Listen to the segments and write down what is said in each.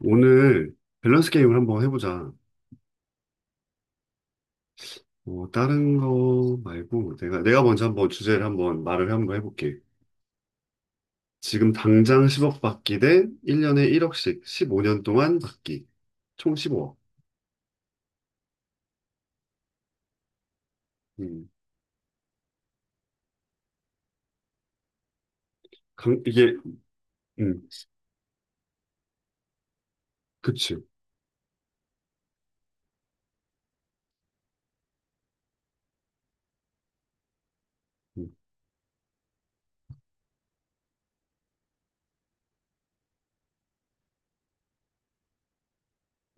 오늘 밸런스 게임을 한번 해보자. 다른 거 말고 내가 먼저 한번 주제를 한번 말을 한번 해볼게. 지금 당장 10억 받기 대 1년에 1억씩 15년 동안 받기. 총 15억. 음. 이게. 음, 그치. 음,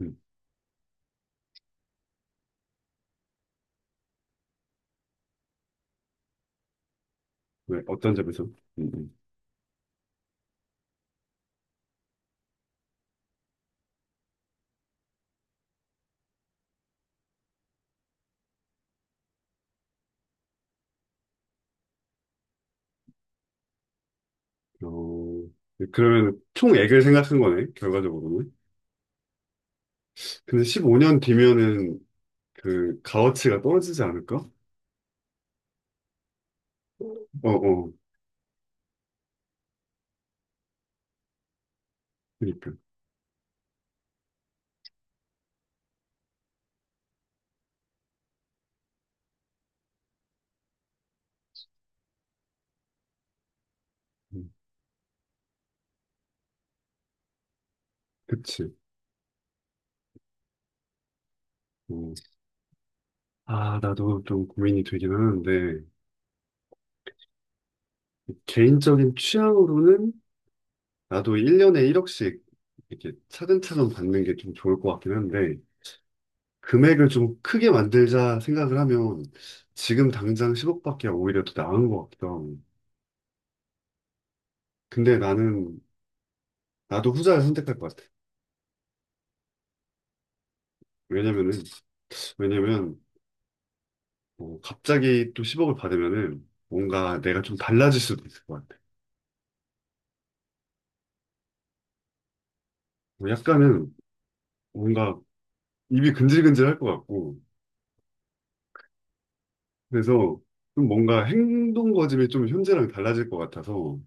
음. 왜 어떤 점에서? 음, 음. 어, 그러면 총액을 생각한 거네, 결과적으로는. 근데 15년 뒤면은 그 가어치가 떨어지지 않을까? 어, 어. 그러니까. 음, 그치. 어, 나도 좀 고민이 되긴 하는데, 개인적인 취향으로는 나도 1년에 1억씩 이렇게 차근차근 받는 게 좀 좋을 것 같긴 한데, 금액을 좀 크게 만들자 생각을 하면 지금 당장 10억밖에 오히려 더 나은 것 같기도 하고. 근데 나는, 나도 후자를 선택할 것 같아. 왜냐면은, 왜냐면, 뭐 갑자기 또 10억을 받으면은 뭔가 내가 좀 달라질 수도 있을 것 같아. 뭐 약간은 뭔가 입이 근질근질 할 것 같고, 그래서 좀 뭔가 행동 거짐이 좀 현재랑 달라질 것 같아서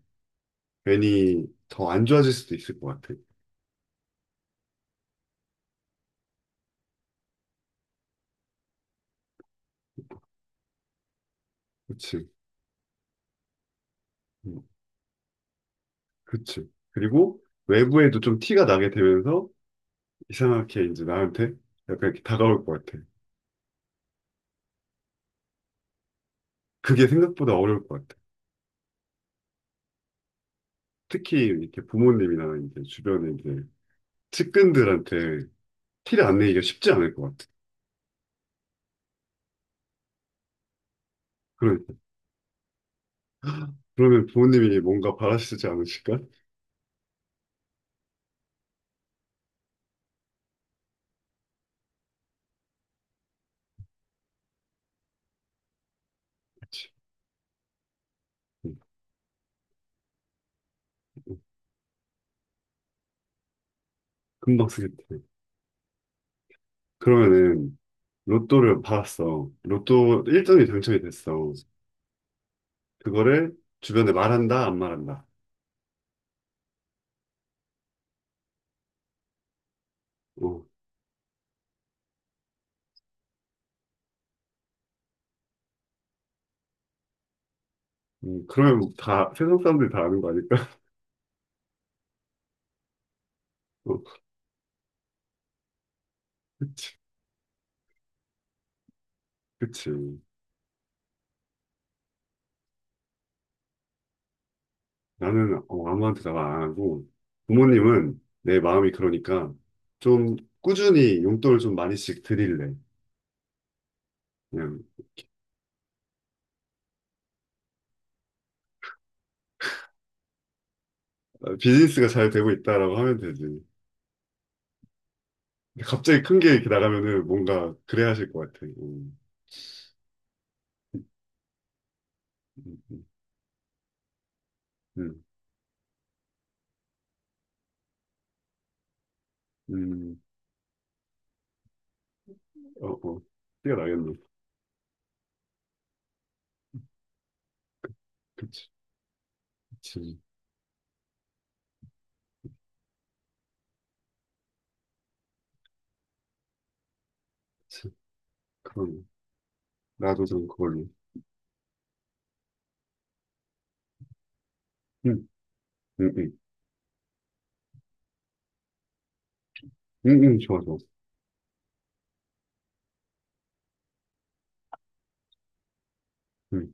괜히 더 안 좋아질 수도 있을 것 같아. 그치. 음, 그치. 그리고 외부에도 좀 티가 나게 되면서 이상하게 이제 나한테 약간 이렇게 다가올 것 같아. 그게 생각보다 어려울 것 같아. 특히 이렇게 부모님이나 이제 주변에 이제 측근들한테 티를 안 내기가 쉽지 않을 것 같아. 그러니까. 그러면 부모님이 뭔가 바라시지 않으실까? 그치. 음, 음, 음. 금방 쓰겠다. 그러면은 로또를 받았어. 로또 1등이 당첨이 됐어. 그거를 주변에 말한다, 안 말한다. 어, 그러면 다, 세상 사람들이 다 아는 거 아닐까? 어, 그치, 그치. 나는 아무한테도 말 안 하고, 부모님은 내 마음이 그러니까 좀 꾸준히 용돈을 좀 많이씩 드릴래. 그냥. 아, 비즈니스가 잘 되고 있다라고 하면 되지. 근데 갑자기 큰 게 이렇게 나가면은 뭔가 그래 하실 것 같아. 어, 음, 음, 음, 어, 어, 뛰어나겠네. 그치, 그치. 그럼 나도 좀 그걸로. 응, 응, 응, 응, 응, 좋아, 좋아. 응.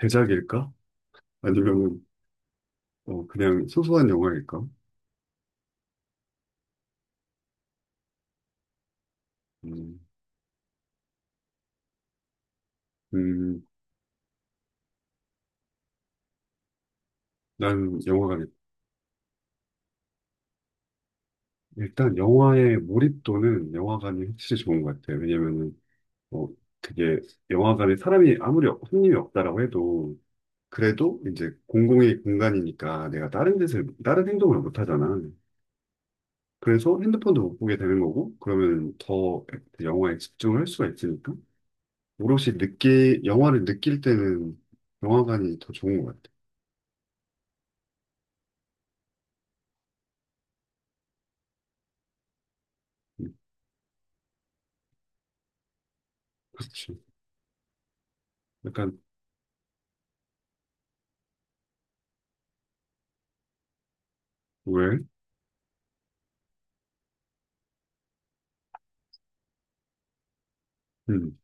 대작일까? 아니면 그냥 소소한 영화일까? 음, 음, 난 영화관. 일단 영화의 몰입도는 영화관이 확실히 좋은 것 같아. 요 왜냐면은 어, 그게 영화관에 사람이 아무리 손님이 없다라고 해도 그래도 이제 공공의 공간이니까 내가 다른 짓을 다른 행동을 못 하잖아. 그래서 핸드폰도 못 보게 되는 거고 그러면 더 영화에 집중을 할 수가 있으니까. 영화를 느낄 때는 영화관이 더 좋은 것 같아. 음, 그렇지. 약간, 왜? 음,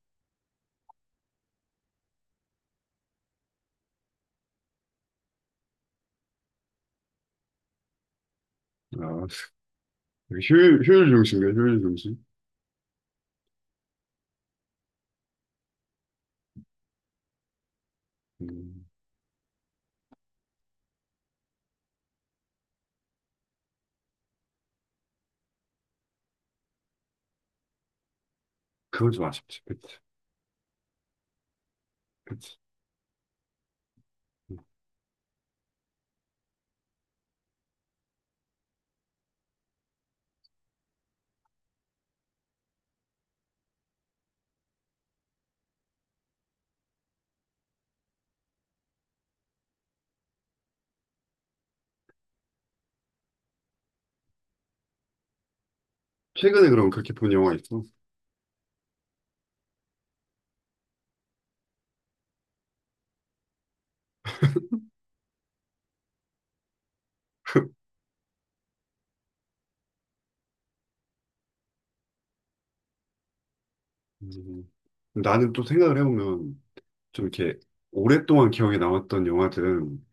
아, 효율 중심이야, 효율 중심. 음, 그건 좀 아쉽지. 그치, 그치. 음. 최근에 그럼 그렇게 본 영화 있어? 음, 나는 또 생각을 해보면, 좀 이렇게 오랫동안 기억에 남았던 영화들은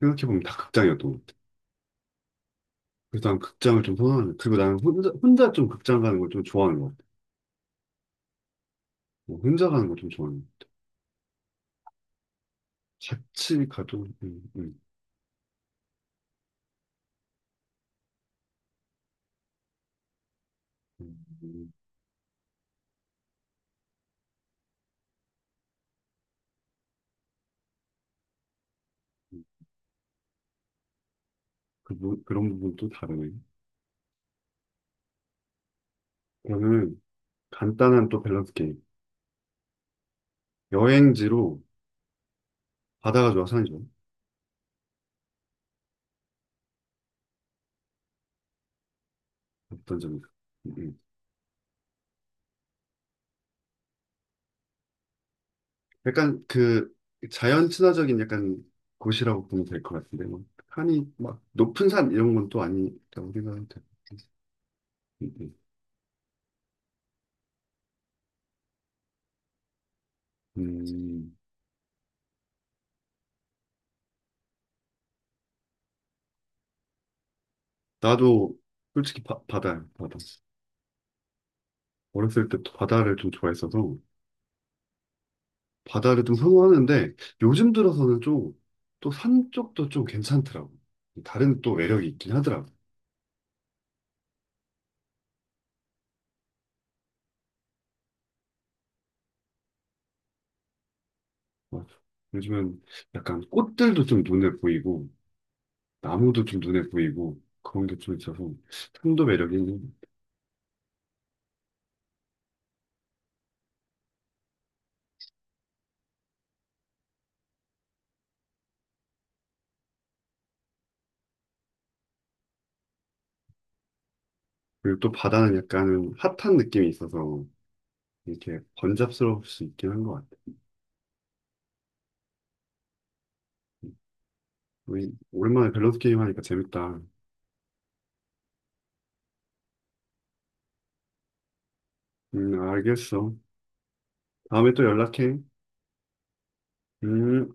생각해보면 다 극장이었던 것 같아. 그래서 난 극장을 좀 선호하는, 그리고 나는 혼자 좀 극장 가는 걸 좀 좋아하는 것 같아. 뭐 혼자 가는 걸 좀 좋아하는 것 같아. 같이 가도, 음, 그런 부분도 다르네. 저는 간단한 또 밸런스 게임. 여행지로 바다가 좋아, 산이 좋아? 어떤 점인가? 음, 음. 약간 그 자연 친화적인 약간 곳이라고 보면 될 것 같은데, 뭐 산이 막 높은 산 이런 건 또 아니라고 생각하면 될 것 같아요. 음, 음. 음, 나도 솔직히 바다야, 바다. 어렸을 때 바다를 좀 좋아했어서 바다를 좀 선호하는데 요즘 들어서는 좀 또 산 쪽도 좀 괜찮더라고. 다른 또 매력이 있긴 하더라고. 어, 요즘은 약간 꽃들도 좀 눈에 보이고 나무도 좀 눈에 보이고 그런 게 좀 있어서 산도 매력이 있는 것 같아. 그리고 또 바다는 약간 핫한 느낌이 있어서 이렇게 번잡스러울 수 있긴 한 것 같아. 우리 오랜만에 밸런스 게임 하니까 재밌다. 알겠어. 다음에 또 연락해. 음.